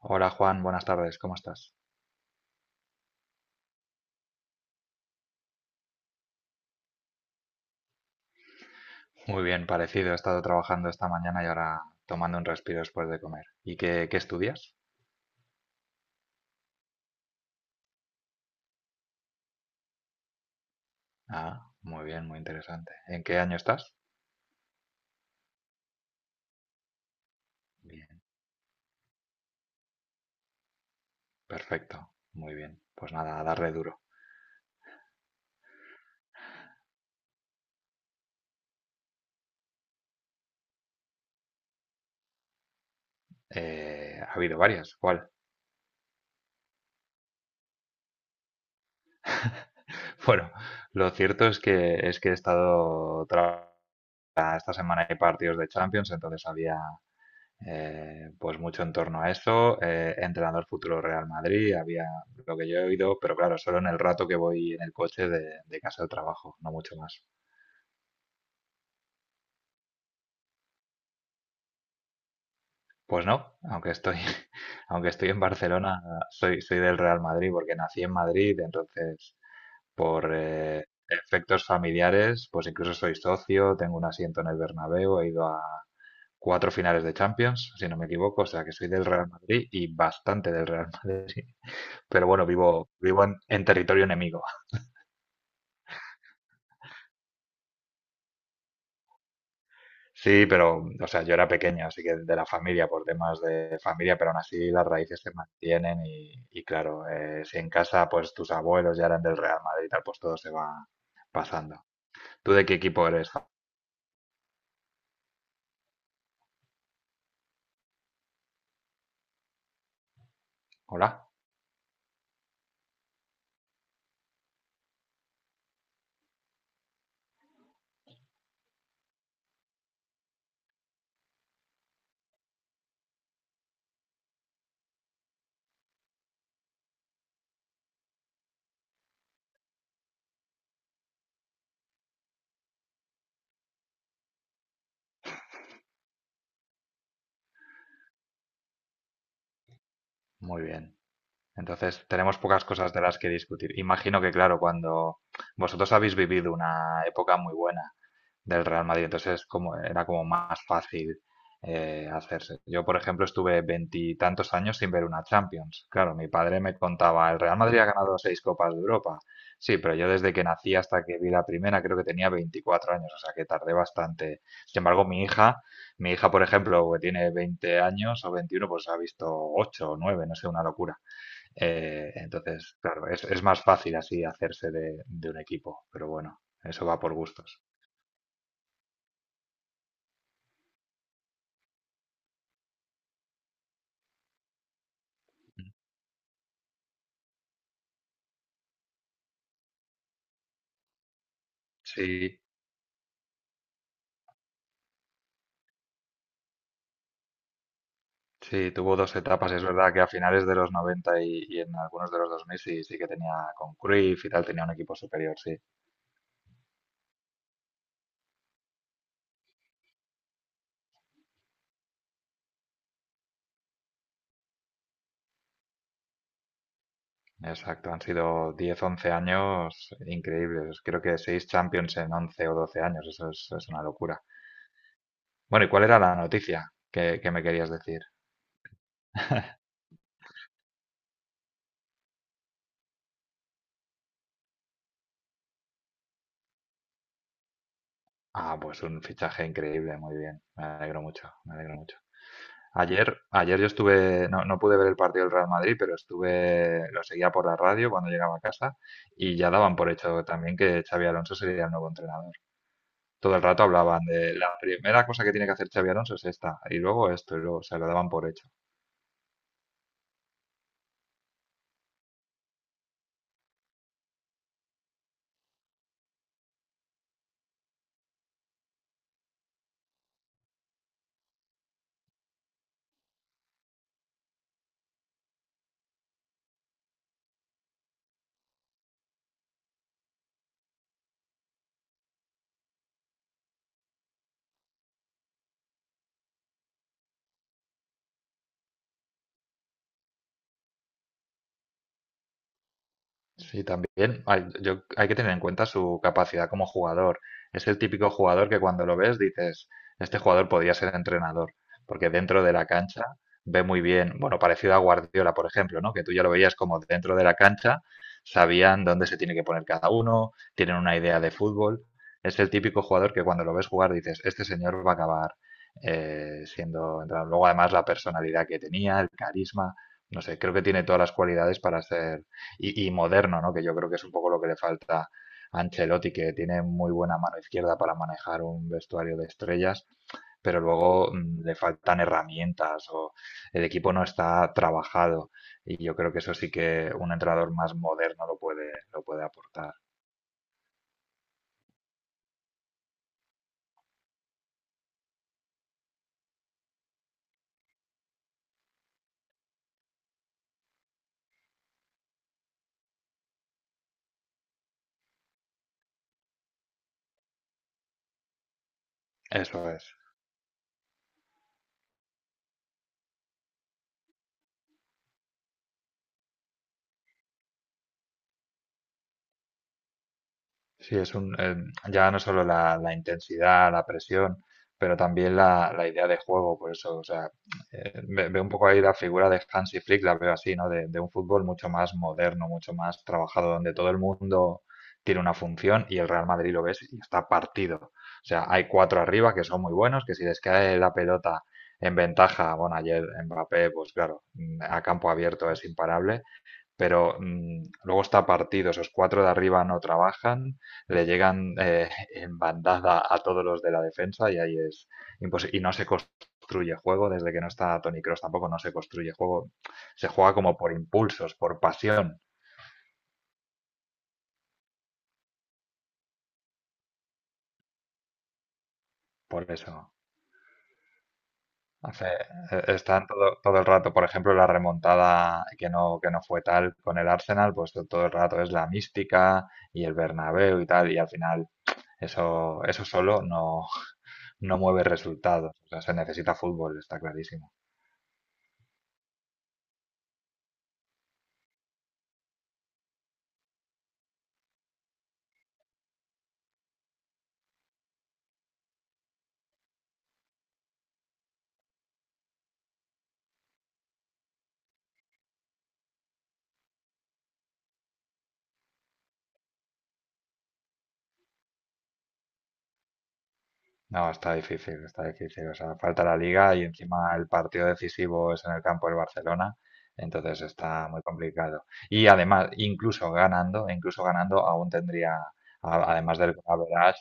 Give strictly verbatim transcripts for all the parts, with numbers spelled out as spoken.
Hola Juan, buenas tardes, ¿cómo estás? Muy bien, parecido, he estado trabajando esta mañana y ahora tomando un respiro después de comer. ¿Y qué, qué estudias? Ah, muy bien, muy interesante. ¿En qué año estás? Bien, perfecto, muy bien. Pues nada, a darle duro. Eh, ha habido varias, ¿cuál? Bueno, lo cierto es que es que he estado tra- esta semana hay partidos de Champions, entonces había Eh, pues mucho en torno a eso. eh, entrenador futuro Real Madrid, había lo que yo he oído, pero claro, solo en el rato que voy en el coche de, de casa al trabajo, no mucho más. Pues no, aunque estoy, aunque estoy en Barcelona, soy, soy del Real Madrid porque nací en Madrid, entonces por eh, efectos familiares, pues incluso soy socio, tengo un asiento en el Bernabéu, he ido a cuatro finales de Champions, si no me equivoco, o sea que soy del Real Madrid y bastante del Real Madrid. Pero bueno, vivo, vivo en, en territorio enemigo. Sí, pero, o sea, yo era pequeño, así que de la familia, por temas de familia, pero aún así las raíces se mantienen y, y claro, eh, si en casa pues tus abuelos ya eran del Real Madrid y tal, pues todo se va pasando. ¿Tú de qué equipo eres? Hola, muy bien. Entonces, tenemos pocas cosas de las que discutir. Imagino que, claro, cuando vosotros habéis vivido una época muy buena del Real Madrid. Entonces como, era como más fácil eh, hacerse. Yo, por ejemplo, estuve veintitantos años sin ver una Champions. Claro, mi padre me contaba, el Real Madrid ha ganado seis Copas de Europa. Sí, pero yo desde que nací hasta que vi la primera creo que tenía veinticuatro años, o sea que tardé bastante. Sin embargo, mi hija, mi hija, por ejemplo, que tiene veinte años o veintiuno pues ha visto ocho o nueve no sé, una locura. Eh, entonces, claro, es, es más fácil así hacerse de, de un equipo, pero bueno, eso va por gustos. Sí, sí, tuvo dos etapas, es verdad que a finales de los noventa y, y en algunos de los dos miles sí, sí que tenía con Cruyff y tal, tenía un equipo superior, sí. Exacto, han sido diez, once años increíbles. Creo que seis Champions en once o doce años, eso es, es una locura. Bueno, ¿y cuál era la noticia que, que me querías decir? Ah, pues un fichaje increíble, muy bien. Me alegro mucho, me alegro mucho. Ayer, ayer yo estuve, no, no pude ver el partido del Real Madrid, pero estuve, lo seguía por la radio cuando llegaba a casa y ya daban por hecho también que Xavi Alonso sería el nuevo entrenador. Todo el rato hablaban de la primera cosa que tiene que hacer Xavi Alonso es esta, y luego esto, y luego, o sea, lo daban por hecho. Sí, también hay, yo- hay que tener en cuenta su capacidad como jugador. Es el típico jugador que cuando lo ves dices, este jugador podría ser entrenador, porque dentro de la cancha ve muy bien, bueno, parecido a Guardiola, por ejemplo, ¿no? Que tú ya lo veías como dentro de la cancha, sabían dónde se tiene que poner cada uno, tienen una idea de fútbol. Es el típico jugador que cuando lo ves jugar dices, este señor va a acabar eh, siendo entrenador. Luego además la personalidad que tenía, el carisma, no sé, creo que tiene todas las cualidades para ser y, y moderno, ¿no? Que yo creo que es un poco lo que le falta a Ancelotti, que tiene muy buena mano izquierda para manejar un vestuario de estrellas, pero luego mm, le faltan herramientas o el equipo no está trabajado. Y yo creo que eso sí que un entrenador más moderno lo puede, lo puede aportar. Eso es. Sí, es un, eh, ya no solo la, la intensidad, la presión, pero también la, la idea de juego, por eso, o sea, eh, ve- veo un poco ahí la figura de Hansi Flick, la veo así, ¿no? De, de un fútbol mucho más moderno, mucho más trabajado, donde todo el mundo tiene una función y el Real Madrid lo ves y está partido. O sea, hay cuatro arriba que son muy buenos, que si les cae la pelota en ventaja, bueno, ayer Mbappé, pues claro, mm, a campo abierto es imparable, pero mm, luego está partido, esos cuatro de arriba no trabajan, le llegan eh, en bandada a todos los de la defensa y ahí es imposible. Y no se construye juego, desde que no está Toni Kroos tampoco no se construye juego, se juega como por impulsos, por pasión, por eso. Hace, eh, están todo, todo el rato, por ejemplo, la remontada que no, que no fue tal con el Arsenal, pues to- todo el rato es la mística y el Bernabéu y tal, y al final eso, eso solo no, no mueve resultados. O sea, se necesita fútbol, está clarísimo. No, está difícil, está difícil. O sea, falta la liga y encima el partido decisivo es en el campo del Barcelona, entonces está muy complicado. Y además, incluso ganando, incluso ganando, aún tendría, a- además del gol average,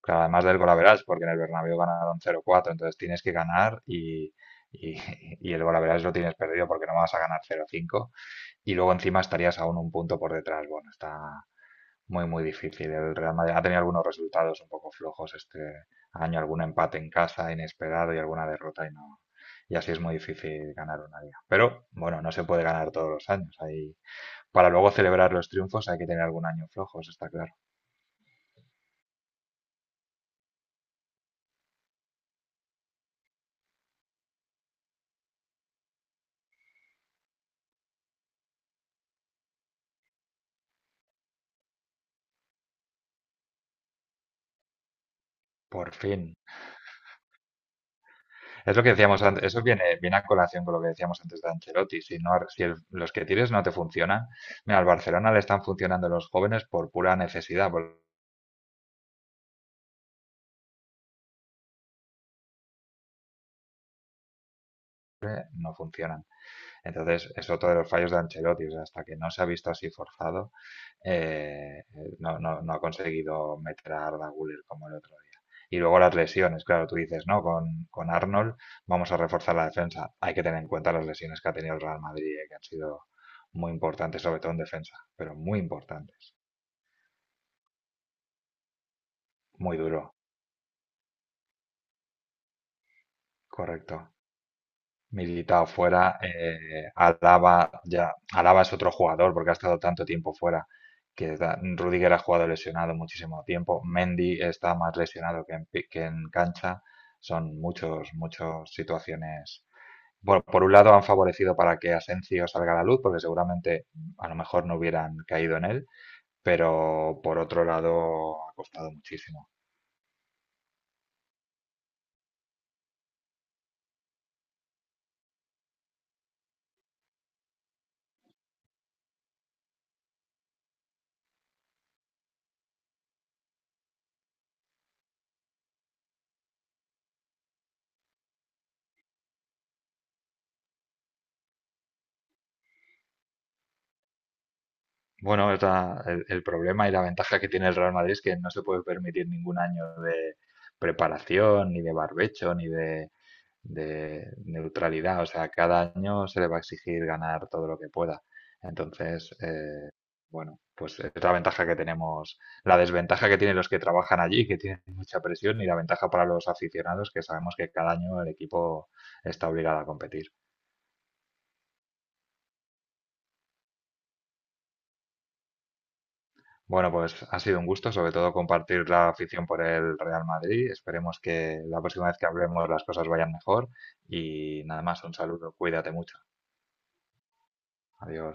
claro, además del gol average, porque en el Bernabéu ganaron cero cuatro, entonces tienes que ganar y, y, y el gol average lo tienes perdido porque no vas a ganar cero cinco y luego encima estarías aún un punto por detrás. Bueno, está, Muy, muy difícil. El Real Madrid ha tenido algunos resultados un poco flojos este año, algún empate en casa inesperado y alguna derrota y no. Y así es muy difícil ganar una liga. Pero bueno, no se puede ganar todos los años. Hay- Para luego celebrar los triunfos hay que tener algún año flojo, eso está claro. Por fin. Es lo que decíamos antes, eso viene, viene a colación con lo que decíamos antes de Ancelotti. Si, no, si el- los que tires no te funcionan, mira, al Barcelona le están funcionando los jóvenes por pura necesidad, porque no funcionan. Entonces, es otro de los fallos de Ancelotti. O sea, hasta que no se ha visto así forzado, eh, eh, no, no- no ha conseguido meter a Arda Güler como el otro día. Y luego las lesiones, claro, tú dices, ¿no? Con, con Arnold vamos a reforzar la defensa. Hay que tener en cuenta las lesiones que ha tenido el Real Madrid, eh, que han sido muy importantes, sobre todo en defensa, pero muy importantes. Muy duro, correcto. Militado fuera, eh, Alaba ya, Alaba es otro jugador porque ha estado tanto tiempo fuera que da- Rudiger ha jugado lesionado muchísimo tiempo, Mendy está más lesionado que en, pi- que en cancha, son muchos, muchas situaciones. Bueno, por un lado han favorecido para que Asensio salga a la luz porque seguramente a lo mejor no hubieran caído en él, pero por otro lado ha costado muchísimo. Bueno, es la- el, el problema y la ventaja que tiene el Real Madrid es que no se puede permitir ningún año de preparación, ni de barbecho, ni de, de neutralidad. O sea, cada año se le va a exigir ganar todo lo que pueda. Entonces, eh, bueno, pues es la ventaja que tenemos, la desventaja que tienen los que trabajan allí, que tienen mucha presión, y la ventaja para los aficionados, que sabemos que cada año el equipo está obligado a competir. Bueno, pues ha sido un gusto, sobre todo compartir la afición por el Real Madrid. Esperemos que la próxima vez que hablemos las cosas vayan mejor. Y nada más, un saludo, cuídate mucho. Adiós.